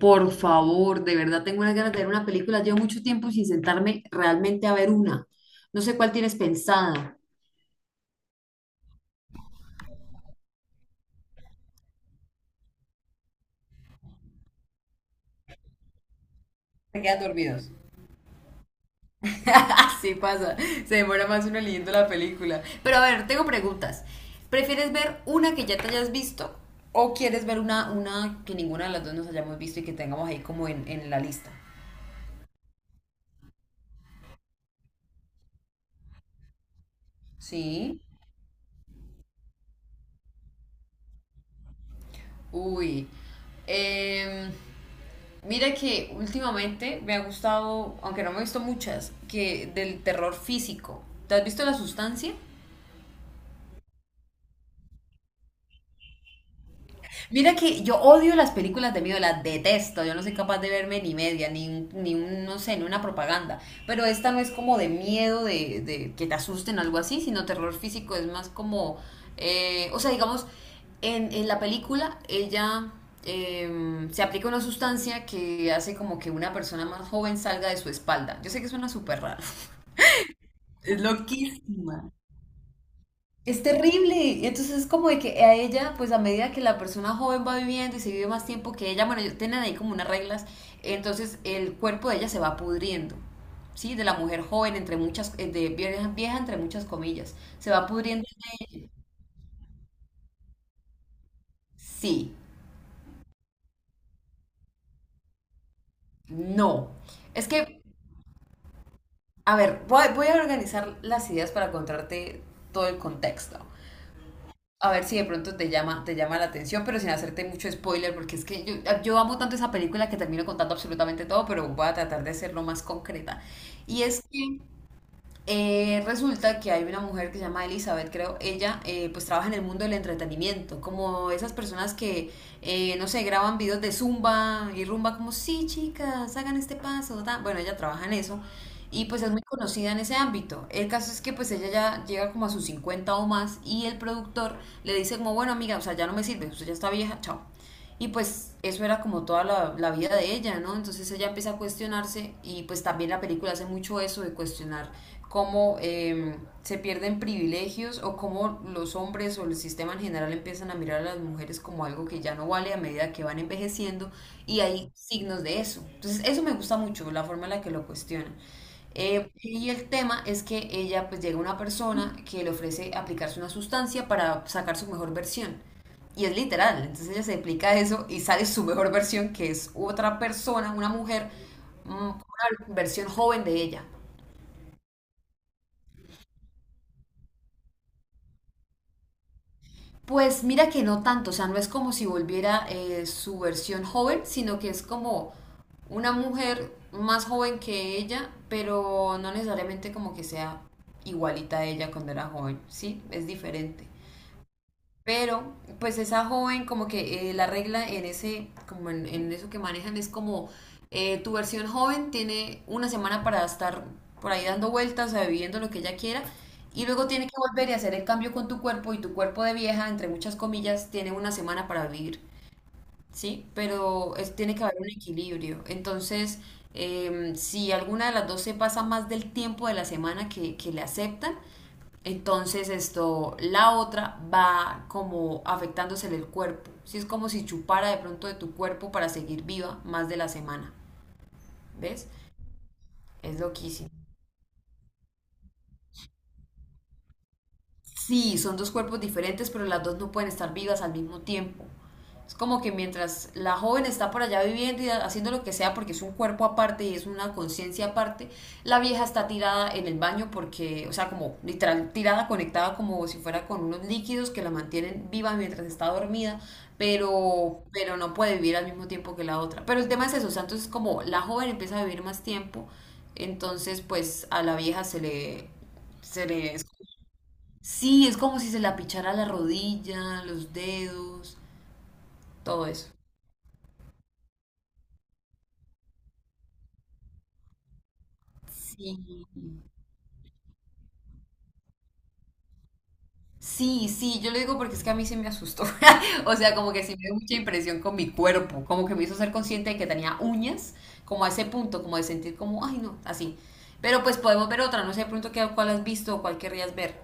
Por favor, de verdad tengo unas ganas de ver una película. Llevo mucho tiempo sin sentarme realmente a ver una. No sé cuál tienes pensada. Se quedan dormidos. Así pasa. Se demora más uno leyendo la película. Pero a ver, tengo preguntas. ¿Prefieres ver una que ya te hayas visto o quieres ver una que ninguna de las dos nos hayamos visto y que tengamos ahí como en la lista? Sí. Uy. Eh, Mira que últimamente me ha gustado, aunque no me he visto muchas, que del terror físico. ¿Te has visto La Sustancia? Mira que yo odio las películas de miedo, las detesto, yo no soy capaz de verme ni media, ni, ni un, no sé, ni una propaganda, pero esta no es como de miedo, de que te asusten o algo así, sino terror físico, es más como, o sea, digamos, en la película ella se aplica una sustancia que hace como que una persona más joven salga de su espalda, yo sé que suena súper raro, es loquísima. Es terrible. Entonces es como de que a ella, pues a medida que la persona joven va viviendo y se vive más tiempo que ella, bueno, ellos tienen ahí como unas reglas, entonces el cuerpo de ella se va pudriendo. Sí, de la mujer joven, entre muchas, de vieja, vieja, entre muchas comillas. Se va pudriendo. Sí, no. Es que, a ver, voy a organizar las ideas para contarte todo el contexto. A ver si de pronto te llama la atención, pero sin hacerte mucho spoiler, porque es que yo amo tanto esa película que termino contando absolutamente todo, pero voy a tratar de hacerlo más concreta. Y es que resulta que hay una mujer que se llama Elizabeth, creo, ella pues trabaja en el mundo del entretenimiento, como esas personas que, no sé, graban videos de zumba y rumba como, sí, chicas, hagan este paso, ta". Bueno, ella trabaja en eso y pues es muy conocida en ese ámbito. El caso es que pues ella ya llega como a sus 50 o más y el productor le dice como, bueno, amiga, o sea, ya no me sirve, usted ya está vieja, chao. Y pues eso era como toda la vida de ella, ¿no? Entonces ella empieza a cuestionarse y pues también la película hace mucho eso de cuestionar cómo se pierden privilegios o cómo los hombres o el sistema en general empiezan a mirar a las mujeres como algo que ya no vale a medida que van envejeciendo y hay signos de eso. Entonces eso me gusta mucho, la forma en la que lo cuestionan. Y el tema es que ella pues llega una persona que le ofrece aplicarse una sustancia para sacar su mejor versión. Y es literal, entonces ella se explica eso y sale su mejor versión, que es otra persona, una mujer, una versión joven de ella. Pues mira que no tanto, o sea, no es como si volviera su versión joven, sino que es como una mujer más joven que ella, pero no necesariamente como que sea igualita a ella cuando era joven, ¿sí? Es diferente. Pero, pues esa joven, como que la regla en ese, como en eso que manejan es como tu versión joven tiene una semana para estar por ahí dando vueltas, o sea, viviendo lo que ella quiera, y luego tiene que volver y hacer el cambio con tu cuerpo, y tu cuerpo de vieja, entre muchas comillas, tiene una semana para vivir, ¿sí? Pero es, tiene que haber un equilibrio. Entonces, si alguna de las dos se pasa más del tiempo de la semana que le aceptan, entonces esto, la otra va como afectándosele el cuerpo. Sí es como si chupara de pronto de tu cuerpo para seguir viva más de la semana. ¿Ves? Es loquísimo. Sí, son dos cuerpos diferentes, pero las dos no pueden estar vivas al mismo tiempo. Es como que mientras la joven está por allá viviendo y haciendo lo que sea porque es un cuerpo aparte y es una conciencia aparte, la vieja está tirada en el baño porque, o sea, como literal, tirada, conectada como si fuera con unos líquidos que la mantienen viva mientras está dormida, pero no puede vivir al mismo tiempo que la otra. Pero el tema es eso, o sea, entonces como la joven empieza a vivir más tiempo, entonces pues a la vieja se le. Sí, es como si se la pichara la rodilla, los dedos, todo eso. Sí, sí, sí, yo lo digo porque es que a mí se me asustó. O sea, como que sí me dio mucha impresión con mi cuerpo, como que me hizo ser consciente de que tenía uñas, como a ese punto, como de sentir como, ay no, así. Pero pues podemos ver otra, no sé de pronto qué, cuál has visto o cuál querrías ver.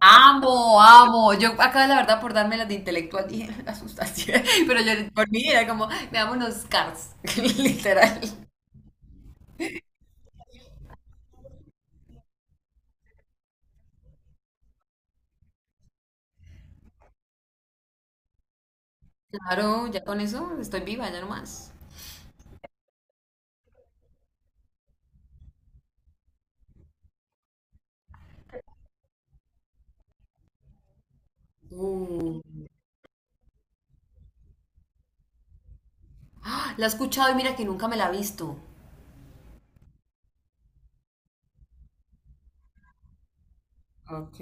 Amo, amo. Yo acá la verdad por darme las de intelectual dije, me asustaste. Pero yo por mí era como, veamos unos Cars, literal. Claro, ya con eso estoy viva, ya no más. Uh, ¡Ah! La he escuchado y mira que nunca me la he visto. Ok.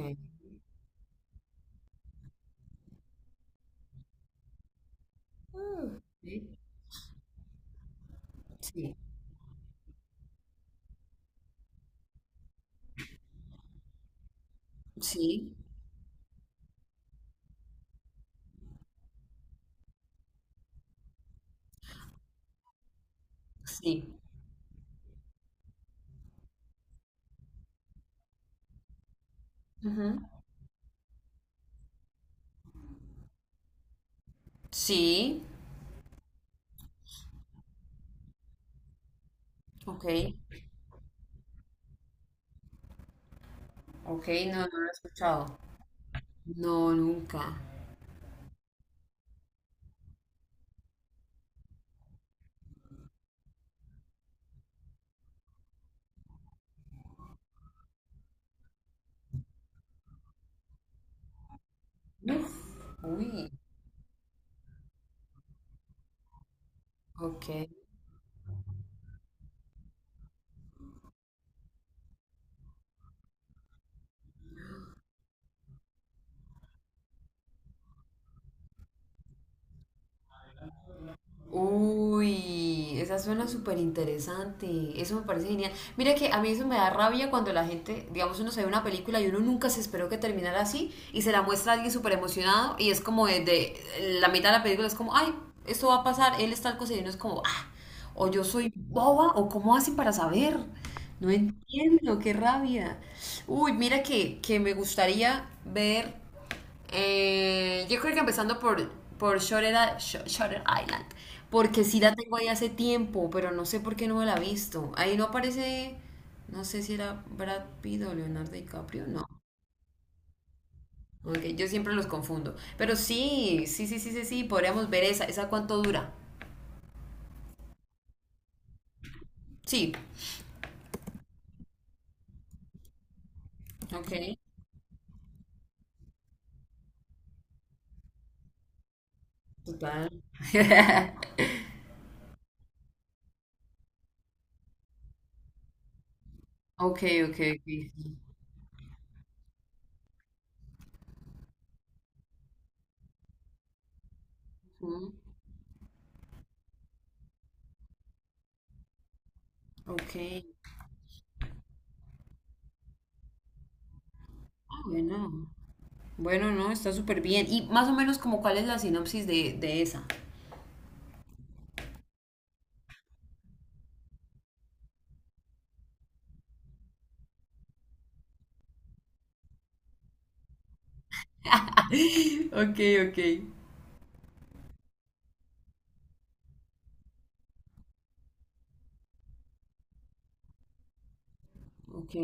Sí. Sí. Sí, sí. Ujú. Sí, ok, ok, no, no lo he escuchado. No, nunca. Uf, Uy, ok. Uy, esa suena súper interesante. Eso me parece genial. Mira que a mí eso me da rabia cuando la gente, digamos, uno se ve una película y uno nunca se esperó que terminara así y se la muestra a alguien súper emocionado y es como de la mitad de la película es como, ay, esto va a pasar, él es tal cosa y uno es como, ah, o yo soy boba o cómo hacen para saber. No entiendo, qué rabia. Uy, mira que me gustaría ver. Yo creo que empezando por, Shutter, Shutter Island, porque sí la tengo ahí hace tiempo, pero no sé por qué no me la he visto. Ahí no aparece, no sé si era Brad Pitt o Leonardo DiCaprio, no. Ok, yo siempre los confundo. Pero sí, sí, sí, sí, sí, sí, podríamos ver esa. ¿Esa cuánto dura? Sí. Ok, total. Ok, ok, ok. Ujú. Ok, ah, bueno. Bueno, no, está súper bien. Y más o menos como cuál es la sinopsis de esa. Ok, ok. Ok.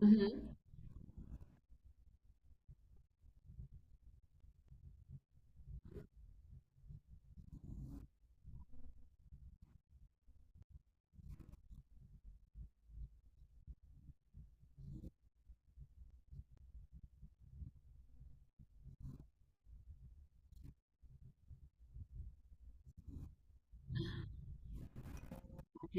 Ujú. Ok.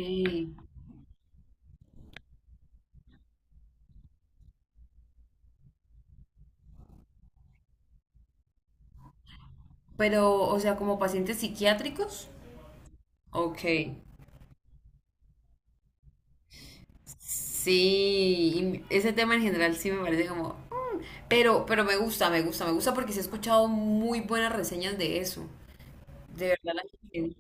Pero, o sea, como pacientes psiquiátricos. Ok. Sí, y ese tema en general sí me parece como. Pero me gusta, me gusta, me gusta porque sí he escuchado muy buenas reseñas de eso. De verdad la gente.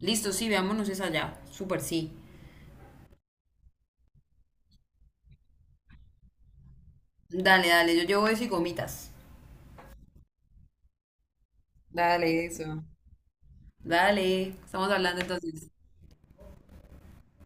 Listo, sí, veámonos esa allá. Súper, sí. Dale, dale, yo llevo eso y gomitas. Dale, eso. Dale, estamos hablando entonces.